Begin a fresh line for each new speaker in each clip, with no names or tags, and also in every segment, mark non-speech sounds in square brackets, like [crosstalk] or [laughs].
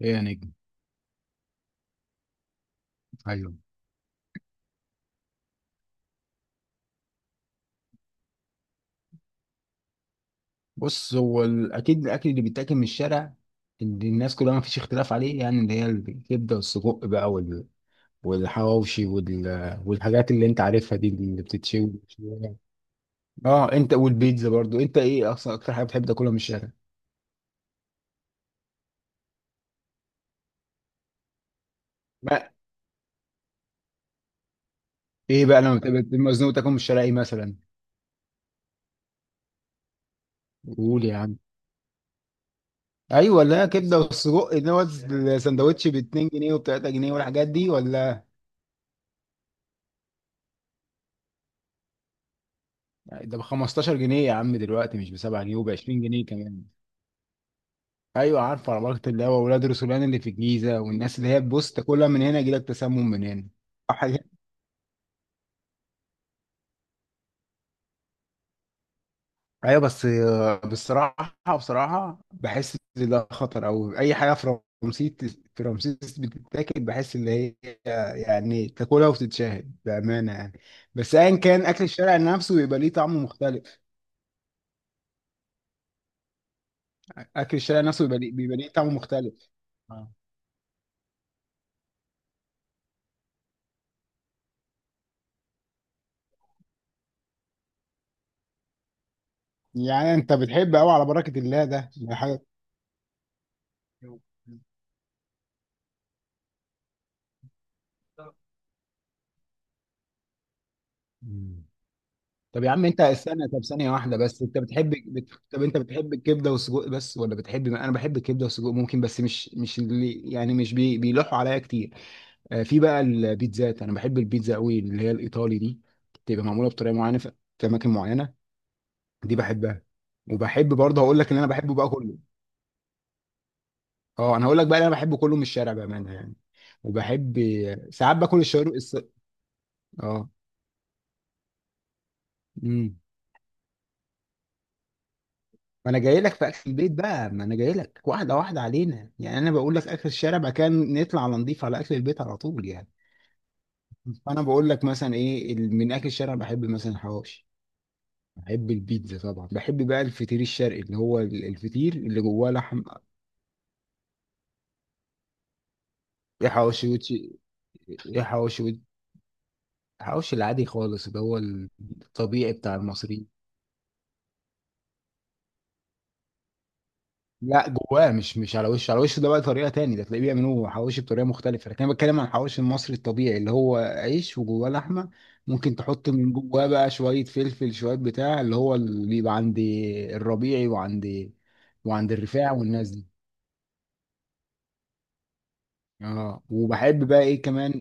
ايه يا نجم. ايوه، بص، هو اكيد الاكل اللي بيتاكل من الشارع، اللي الناس كلها ما فيش اختلاف عليه، يعني اللي هي الكبده والسجق بقى والحواوشي والحاجات اللي انت عارفها دي اللي بتتشوي. اه، انت والبيتزا برضو، انت ايه اصلا اكتر حاجه بتحب تاكلها من الشارع؟ ما ايه بقى لما بتبقى مزنوق تاكل من الشارع، ايه مثلا؟ قول يا عم. ايوه، لا كبده والسجق اللي هو السندوتش ب 2 جنيه وب 3 جنيه والحاجات دي ولا؟ ده ب 15 جنيه يا عم دلوقتي، مش ب 7 جنيه، وب 20 جنيه كمان. ايوه عارف، عربية اللي هو ولاد رسولان اللي في الجيزه، والناس اللي هي بص، تاكلها من هنا يجيلك تسمم من هنا أو حاجة. ايوه بس بصراحه بحس ان ده خطر، او اي حاجه في رمسيس، في رمسيس بتتاكل بحس ان هي يعني تاكلها وتتشهد بامانه يعني. بس ايا كان، اكل الشارع نفسه بيبقى ليه طعم مختلف. اكل الشارع نفسه بيبقى بيبقى ليه طعم مختلف. آه. يعني انت بتحب قوي على بركه الله ده؟ حاجه؟ مم. طب يا عم انت استنى، طب ثانية واحدة بس، انت بتحب طب انت بتحب الكبدة والسجق بس، ولا بتحب؟ انا بحب الكبدة والسجق ممكن، بس مش اللي يعني مش بي... بيلوحوا عليا كتير. آه، في بقى البيتزات، انا بحب البيتزا قوي اللي هي الايطالي دي، تبقى معمولة بطريقة معينة في في اماكن معينة، دي بحبها. وبحب برضه هقول لك اللي انا بحبه بقى كله. اه، انا هقول لك بقى اللي انا بحبه كله من الشارع بامانة يعني. وبحب ساعات باكل الشاورما اه. امم. ما انا جاي لك في اخر البيت بقى، ما انا جاي لك واحده واحده علينا يعني، انا بقول لك اخر الشارع بعد كده نطلع على نضيف على اخر البيت على طول يعني. فانا بقول لك مثلا ايه من اخر الشارع بحب مثلا الحواوشي، بحب البيتزا طبعا، بحب بقى الفطير الشرقي اللي هو الفطير اللي جواه لحم. ايه حواوشي وتش- ايه حواوشي وت- حواوشي العادي خالص اللي هو الطبيعي بتاع المصريين. لا جواه، مش على وشه، على وشه ده بقى طريقه تاني، ده تلاقيه بيعملوا حواوشي بطريقه مختلفه، لكن انا بتكلم عن الحواوشي المصري الطبيعي اللي هو عيش وجواه لحمه. ممكن تحط من جواه بقى شويه فلفل، شويه بتاع اللي هو اللي بيبقى عند الربيعي وعند، وعند الرفاع والناس دي. اه، وبحب بقى ايه كمان؟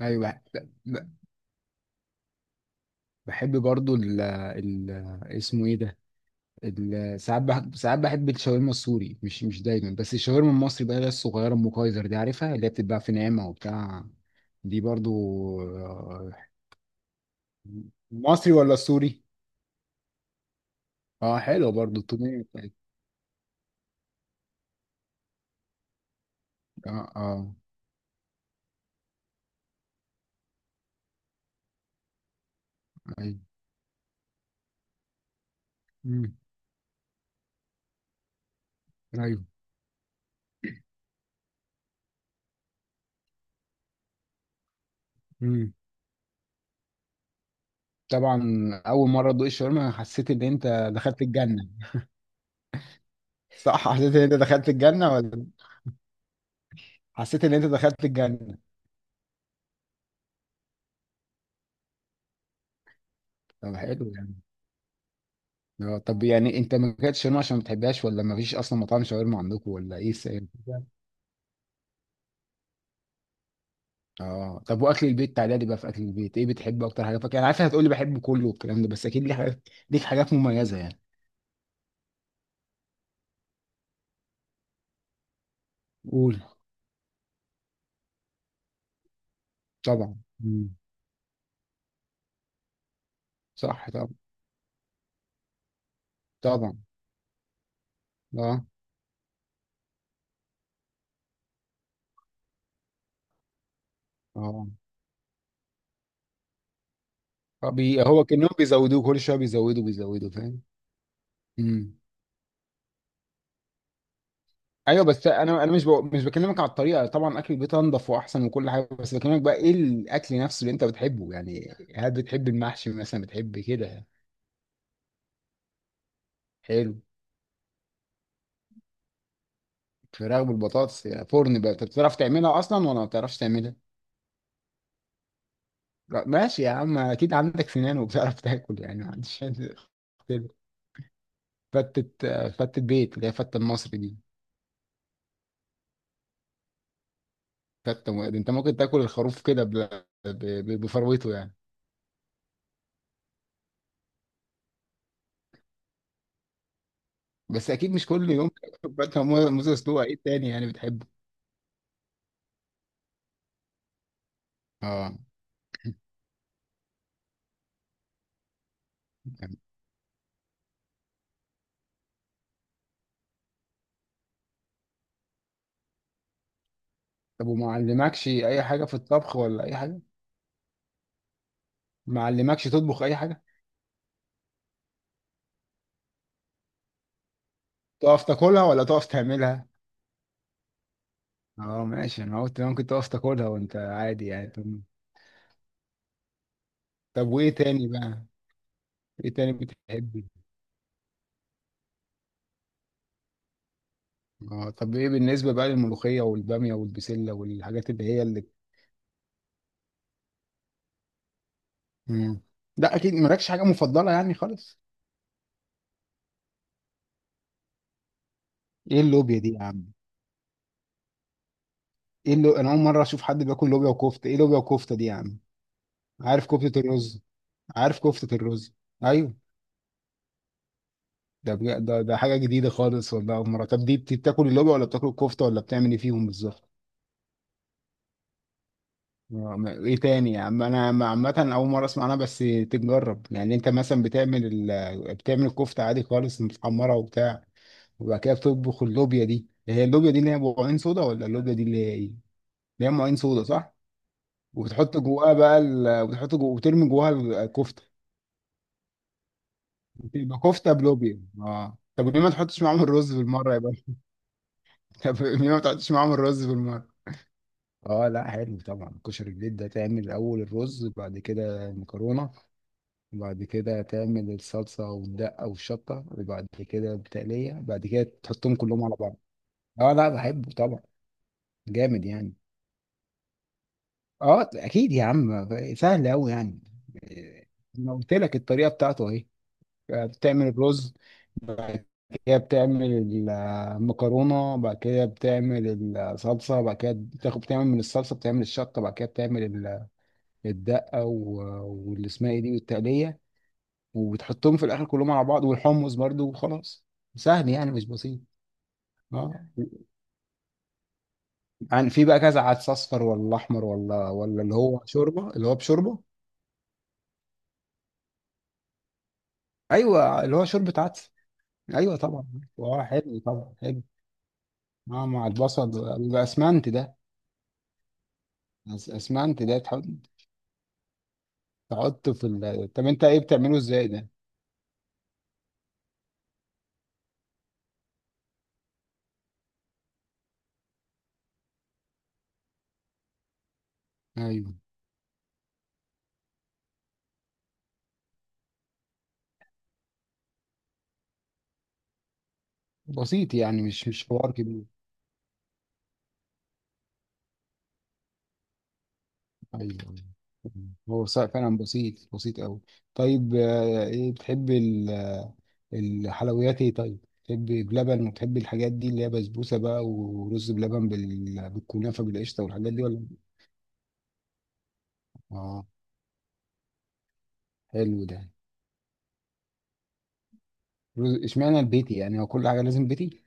ايوه، بحب برضو ال اسمه ايه ده، ساعات ساعات بحب الشاورما السوري، مش دايما، بس الشاورما المصري بقى اللي هي الصغيره ام كايزر دي، عارفها؟ اللي هي بتتباع في نعمه وبتاع، دي برضو. آه، مصري ولا سوري؟ اه حلو برضو، التوميه اه. اه، ايوه. مم. ايوه. مم. طبعا. اول مره ادوق الشاورما حسيت ان انت دخلت الجنه. صح؟ حسيت ان انت دخلت الجنه ولا؟ حسيت ان انت دخلت الجنه. طب حلو. اه طب يعني انت ما كانتش شاورما عشان ما بتحبهاش، ولا ما فيش اصلا مطاعم شاورما عندكم، ولا ايه السبب؟ اه طب، واكل البيت، تعالى لي بقى في اكل البيت، ايه بتحب اكتر حاجه؟ فاكر انا عارف هتقول لي بحب كله والكلام ده، بس اكيد ليك حاجات، ليك حاجات مميزه يعني. قول. طبعا. مم. صح طبعا. طبعا. اه. اه. هو كانهم بيزودوه كل شويه، بيزودوا، فاهم. امم. ايوه بس انا، مش بكلمك على الطريقه، طبعا اكل البيت انضف واحسن وكل حاجه، بس بكلمك بقى ايه الاكل نفسه اللي انت بتحبه يعني، هل بتحب المحشي مثلا، بتحب كده؟ حلو. الفراخ بالبطاطس يا فرن بقى، انت بتعرف تعملها اصلا ولا ما بتعرفش تعملها؟ لا، ماشي يا عم، اكيد عندك سنان وبتعرف [laughs] تاكل يعني، ما عنديش حد يختلف. فتة. فتة بيت اللي هي فتة المصري دي. انت ممكن تاكل الخروف كده بفروته يعني؟ بس اكيد مش كل يوم تاكل فتة، موز مسلوقة، ايه تاني يعني بتحبه؟ اه. [laughs] طب وما علمكش اي حاجة في الطبخ، ولا اي حاجة؟ ما علمكش تطبخ اي حاجة؟ تقف تاكلها ولا تقف تعملها؟ اه ماشي، انا قلت انا كنت اقف تاكلها وانت عادي يعني. طب. طب وايه تاني بقى؟ ايه تاني بتحبي؟ اه طب ايه بالنسبه بقى للملوخيه والباميه والبسله والحاجات اللي هي اللي. مم. لا اكيد مالكش حاجه مفضله يعني خالص؟ ايه اللوبيا دي يا عم؟ انا اول مره اشوف حد بياكل لوبيا وكفته، ايه لوبيا وكفته دي يا عم؟ عارف كفته الرز. عارف كفته الرز. ايوه. ده حاجه جديده خالص والله، اول مره. طب دي بتاكل اللوبيا ولا بتاكل الكفته، ولا بتعمل ايه فيهم بالظبط؟ آه، ايه تاني يا عم، عامه اول مره اسمع عنها، بس تتجرب يعني. انت مثلا بتعمل بتعمل الكفته عادي خالص، متحمره وبتاع، وبعد كده بتطبخ اللوبيا دي. هي اللوبيا دي اللي هي بعين صودا، ولا اللوبيا دي اللي هي ايه اللي هي معين صودا، صح؟ وبتحط جواها بقى وترمي جواها الكفته، بتبقى كفته بلوبيا. اه طب ليه ما تحطش معاهم الرز بالمره يا باشا؟ [laughs] طب ليه ما تحطش معاهم الرز بالمره؟ اه، لا حلو طبعا، كشري البيت ده، تعمل اول الرز بعد كده مكرونه، بعد كده تعمل الصلصة والدقة والشطة، وبعد كده التقلية، بعد كده تحطهم كلهم على بعض. اه، لا بحبه طبعا. جامد يعني. اه اكيد يا عم. سهل قوي يعني. إيه، انا قلت لك الطريقة بتاعته اهي. آه، بتعمل الرز، بعد كده بتعمل المكرونة، بعد كده بتعمل الصلصة، بعد كده بتاخد بتعمل من الصلصة بتعمل الشطة، بعد كده بتعمل الدقة واللي اسمها ايه دي والتقلية، وتحطهم في الاخر كلهم على بعض، والحمص برضو، وخلاص. سهل يعني مش بسيط. اه. يعني في بقى كذا عدس، اصفر ولا احمر، ولا اللي هو شوربه اللي هو بشوربه؟ ايوه اللي هو شوربه عدس. ايوه طبعا. اه حلو طبعا حلو. اه مع البصل. الاسمنت ده. اسمنت ده تحط، تحطه في طب انت ايه بتعمله ازاي ده؟ ايوه بسيط يعني، مش حوار كبير. ايوه. أيوة. هو فعلا بسيط، بسيط قوي. طيب آه، ايه بتحب الحلويات؟ ايه طيب، تحبي بلبن، وتحبي الحاجات دي اللي هي بسبوسه بقى، ورز بلبن بالكنافه بالقشطه والحاجات دي ولا؟ اه. حلو ده. رز. اشمعنى البيتي يعني، هو كل حاجه لازم بيتي؟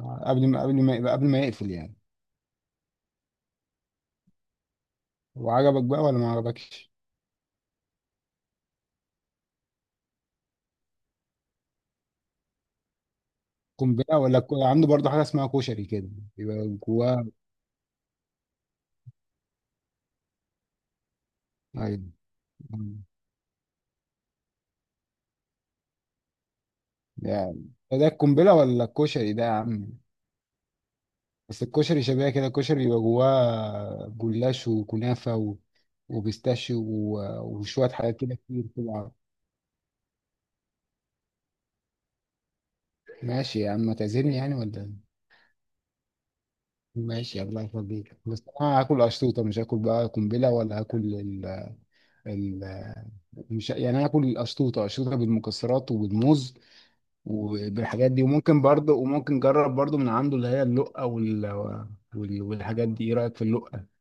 آه، قبل ما يقفل يعني؟ وعجبك بقى ولا ما عجبكش؟ قنبله، عنده برضه حاجه اسمها كشري كده، يبقى جواه؟ ايوه. مم. يعني ده القنبله ولا الكشري ده يا عم؟ بس الكشري شبيه كده، الكشري بيبقى جواه جلاش وكنافة وبيستاشيو وشوية حاجات كده كتير طبعا. ماشي يا عم، ما تعزمني يعني ولا؟ ماشي الله يخليك، بس انا هاكل اشطوطة، مش هاكل بقى قنبلة، ولا هاكل ال... مش يعني انا هاكل الاشطوطة، اشطوطة بالمكسرات وبالموز وبالحاجات دي، وممكن برضه جرب برضه من عنده اللي هي اللقة والحاجات دي. ايه رأيك في اللقة؟